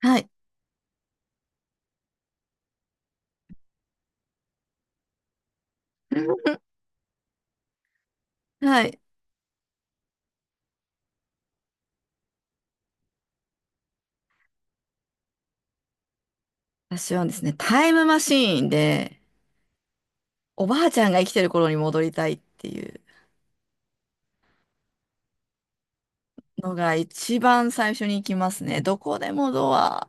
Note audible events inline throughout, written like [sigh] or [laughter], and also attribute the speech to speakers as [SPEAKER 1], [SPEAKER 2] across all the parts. [SPEAKER 1] はい。[laughs] はい。私はですね、タイムマシーンで、おばあちゃんが生きてる頃に戻りたいっていうのが一番最初に行きますね。どこでもドア。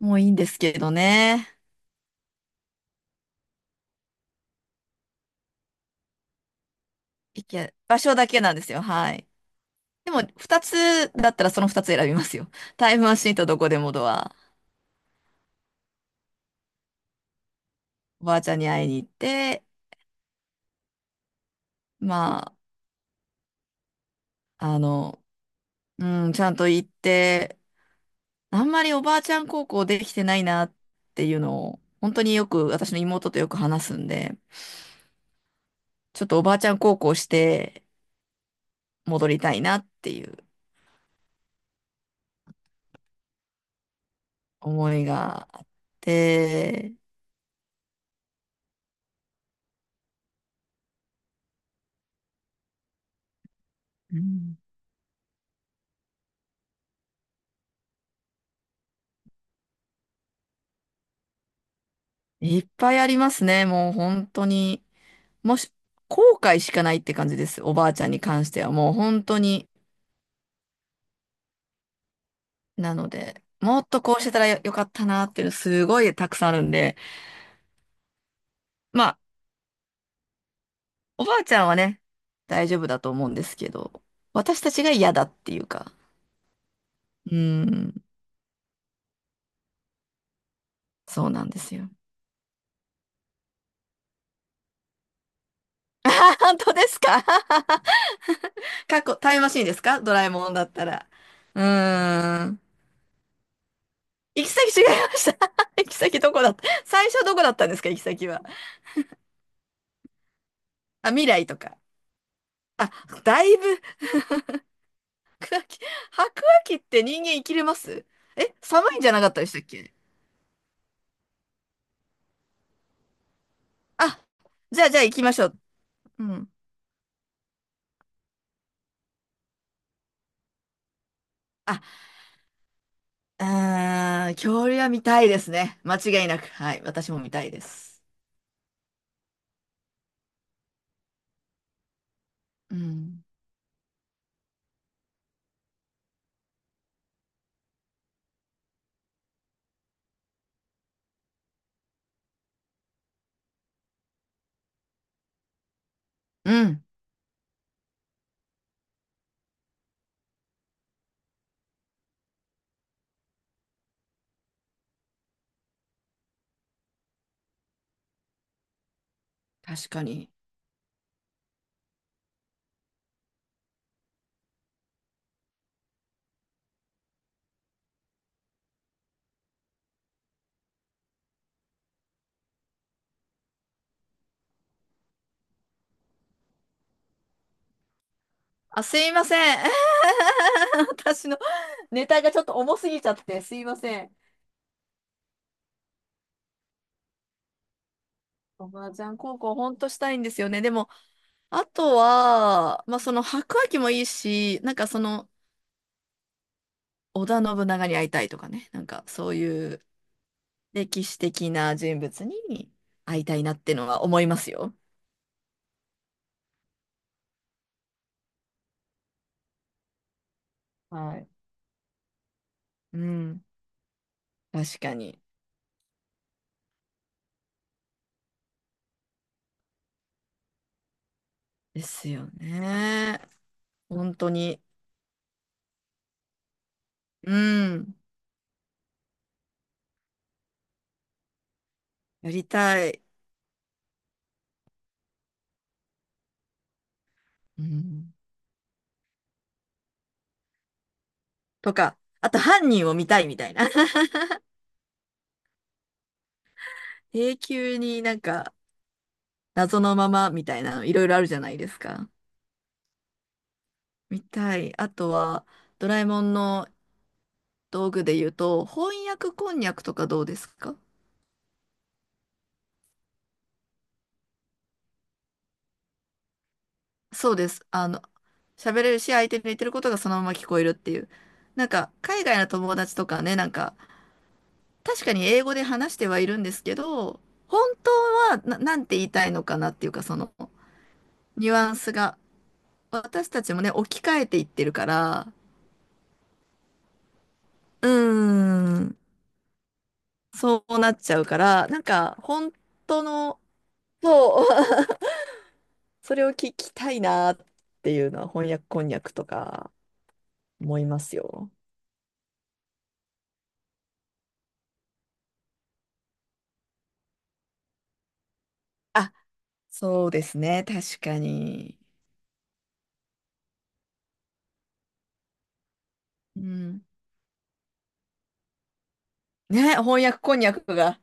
[SPEAKER 1] もういいんですけどね。行け、場所だけなんですよ。はい。でも、二つだったらその二つ選びますよ。タイムマシーンとどこでもドア。おばあちゃんに会いに行って、まあ、ちゃんと行って、あんまりおばあちゃん高校できてないなっていうのを、本当によく私の妹とよく話すんで、ちょっとおばあちゃん高校して戻りたいなっていう思いがあって、うん。いっぱいありますね、もう本当に。もし、後悔しかないって感じです、おばあちゃんに関しては。もう本当に。なので、もっとこうしてたらよかったなっていうのすごいたくさんあるんで、まあ、おばあちゃんはね、大丈夫だと思うんですけど、私たちが嫌だっていうか、うーん、そうなんですよ。[laughs] あはは本当ですか？ [laughs] 過去、タイムマシーンですか？ドラえもんだったら。うーん。行き先違いました。[laughs] 行き先どこだった？最初どこだったんですか、行き先は。あ、未来とか。あ、だいぶ、[laughs] 白亜紀、白亜紀って人間生きれます？え、寒いんじゃなかったでしたっけ？あ、じゃあ行きましょう。うん。あ恐竜は見たいですね。間違いなく。はい。私も見たいです。うん。うん。確かに。あ、すいません。[laughs] 私のネタがちょっと重すぎちゃって、すいません。おばあちゃん高校ほんとしたいんですよね。でも、あとは、まあその白亜紀もいいし、なんかその織田信長に会いたいとかね。なんかそういう歴史的な人物に会いたいなってのは思いますよ。はい。うん。確かに。ですよね。本当に。うん。やりたい。うん。とか、あと犯人を見たいみたいな。[laughs] 永久になんか謎のままみたいなのいろいろあるじゃないですか。見たい。あとは、ドラえもんの道具で言うと、翻訳こんにゃくとかどうですか？そうです。あの、喋れるし、相手の言ってることがそのまま聞こえるっていう。なんか、海外の友達とかね、なんか、確かに英語で話してはいるんですけど、本当はなんて言いたいのかなっていうか、そのニュアンスが。私たちもね、置き換えていってるから、うーん、そうなっちゃうから、なんか本当の、そう、[laughs] それを聞きたいなっていうのは翻訳こんにゃくとか思いますよ。あ、そうですね、確かに。うん。ね、翻訳こんにゃくが、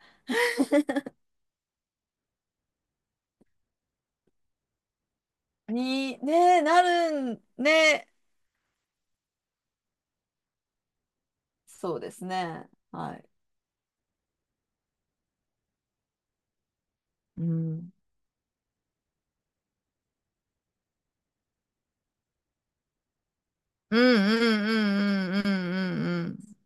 [SPEAKER 1] に、ね、なるん、ね、そうですね。はい。うん。うんうんうんうんうんうんうんっ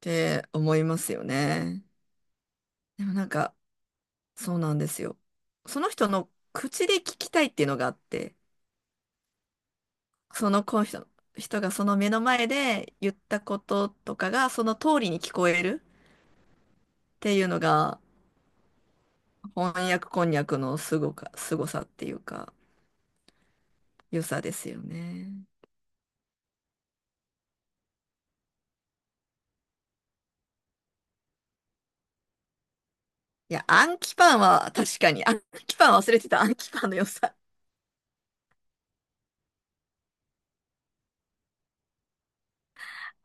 [SPEAKER 1] て思いますよね。でもなんか、そうなんですよ。その人の口で聞きたいっていうのがあって、そのこの人、人がその目の前で言ったこととかがその通りに聞こえるっていうのが翻訳こんにゃくのすごさっていうか、良さですよね。いや、暗記パンは確かに、暗記パン忘れてた、暗記パンの良さ。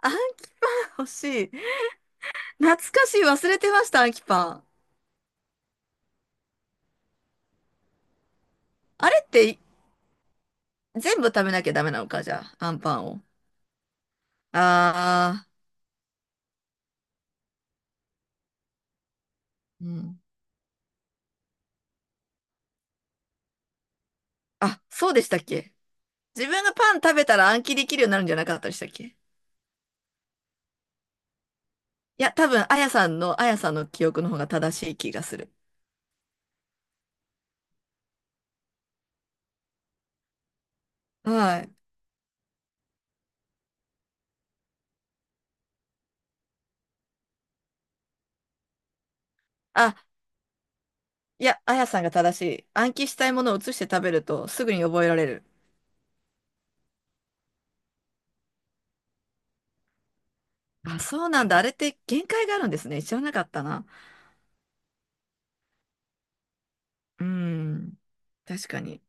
[SPEAKER 1] アンキパン欲しい。懐かしい。忘れてました、アンキパン。あれってい全部食べなきゃダメなのか、じゃあ、アンパンを。あー、うん。あ、そうでしたっけ？自分がパン食べたら暗記できるようになるんじゃなかったでしたっけ？いや、多分、あやさんの記憶の方が正しい気がする。はい。あ、いや、あやさんが正しい。暗記したいものを移して食べると、すぐに覚えられる。あ、そうなんだ。あれって限界があるんですね。知らなかったな。うーん。確かに。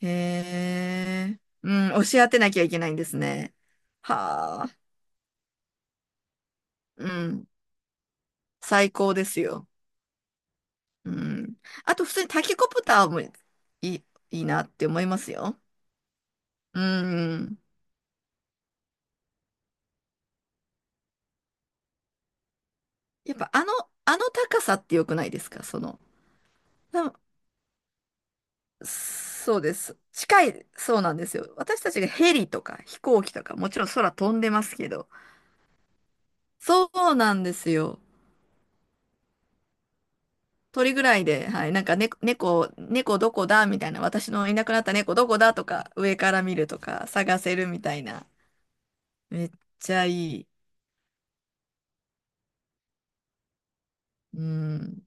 [SPEAKER 1] へえ。うん、押し当てなきゃいけないんですね。はあ。うん。最高ですよ。うん。あと、普通にタケコプターもいいなって思いますよ。うん。やっぱあの高さって良くないですか、その。なそうです。近い、そうなんですよ。私たちがヘリとか飛行機とか、もちろん空飛んでますけど。そうなんですよ。鳥ぐらいで、はい、なんか、ね、猫どこだみたいな、私のいなくなった猫どこだとか、上から見るとか、探せるみたいな。めっちゃいい。うん。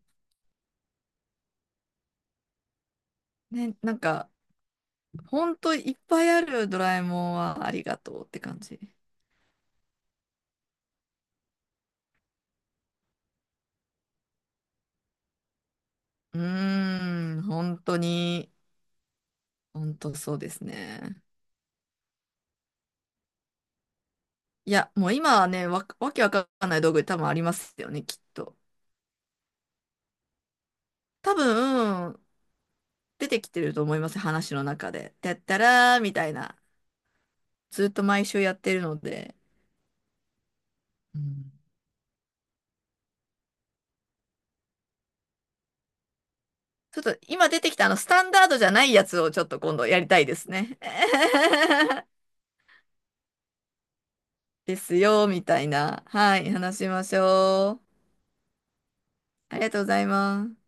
[SPEAKER 1] ね、なんか、ほんといっぱいあるドラえもんはありがとうって感じ。うーん、本当に、本当そうですね。いや、もう今はね、わけわかんない道具多分ありますよね、きっと。多分、出てきてると思います、話の中で。てったらーみたいな。ずっと毎週やってるので、うん。ちょっと今出てきたあのスタンダードじゃないやつをちょっと今度やりたいですね。[laughs] ですよ、みたいな。はい、話しましょう。ありがとうございます。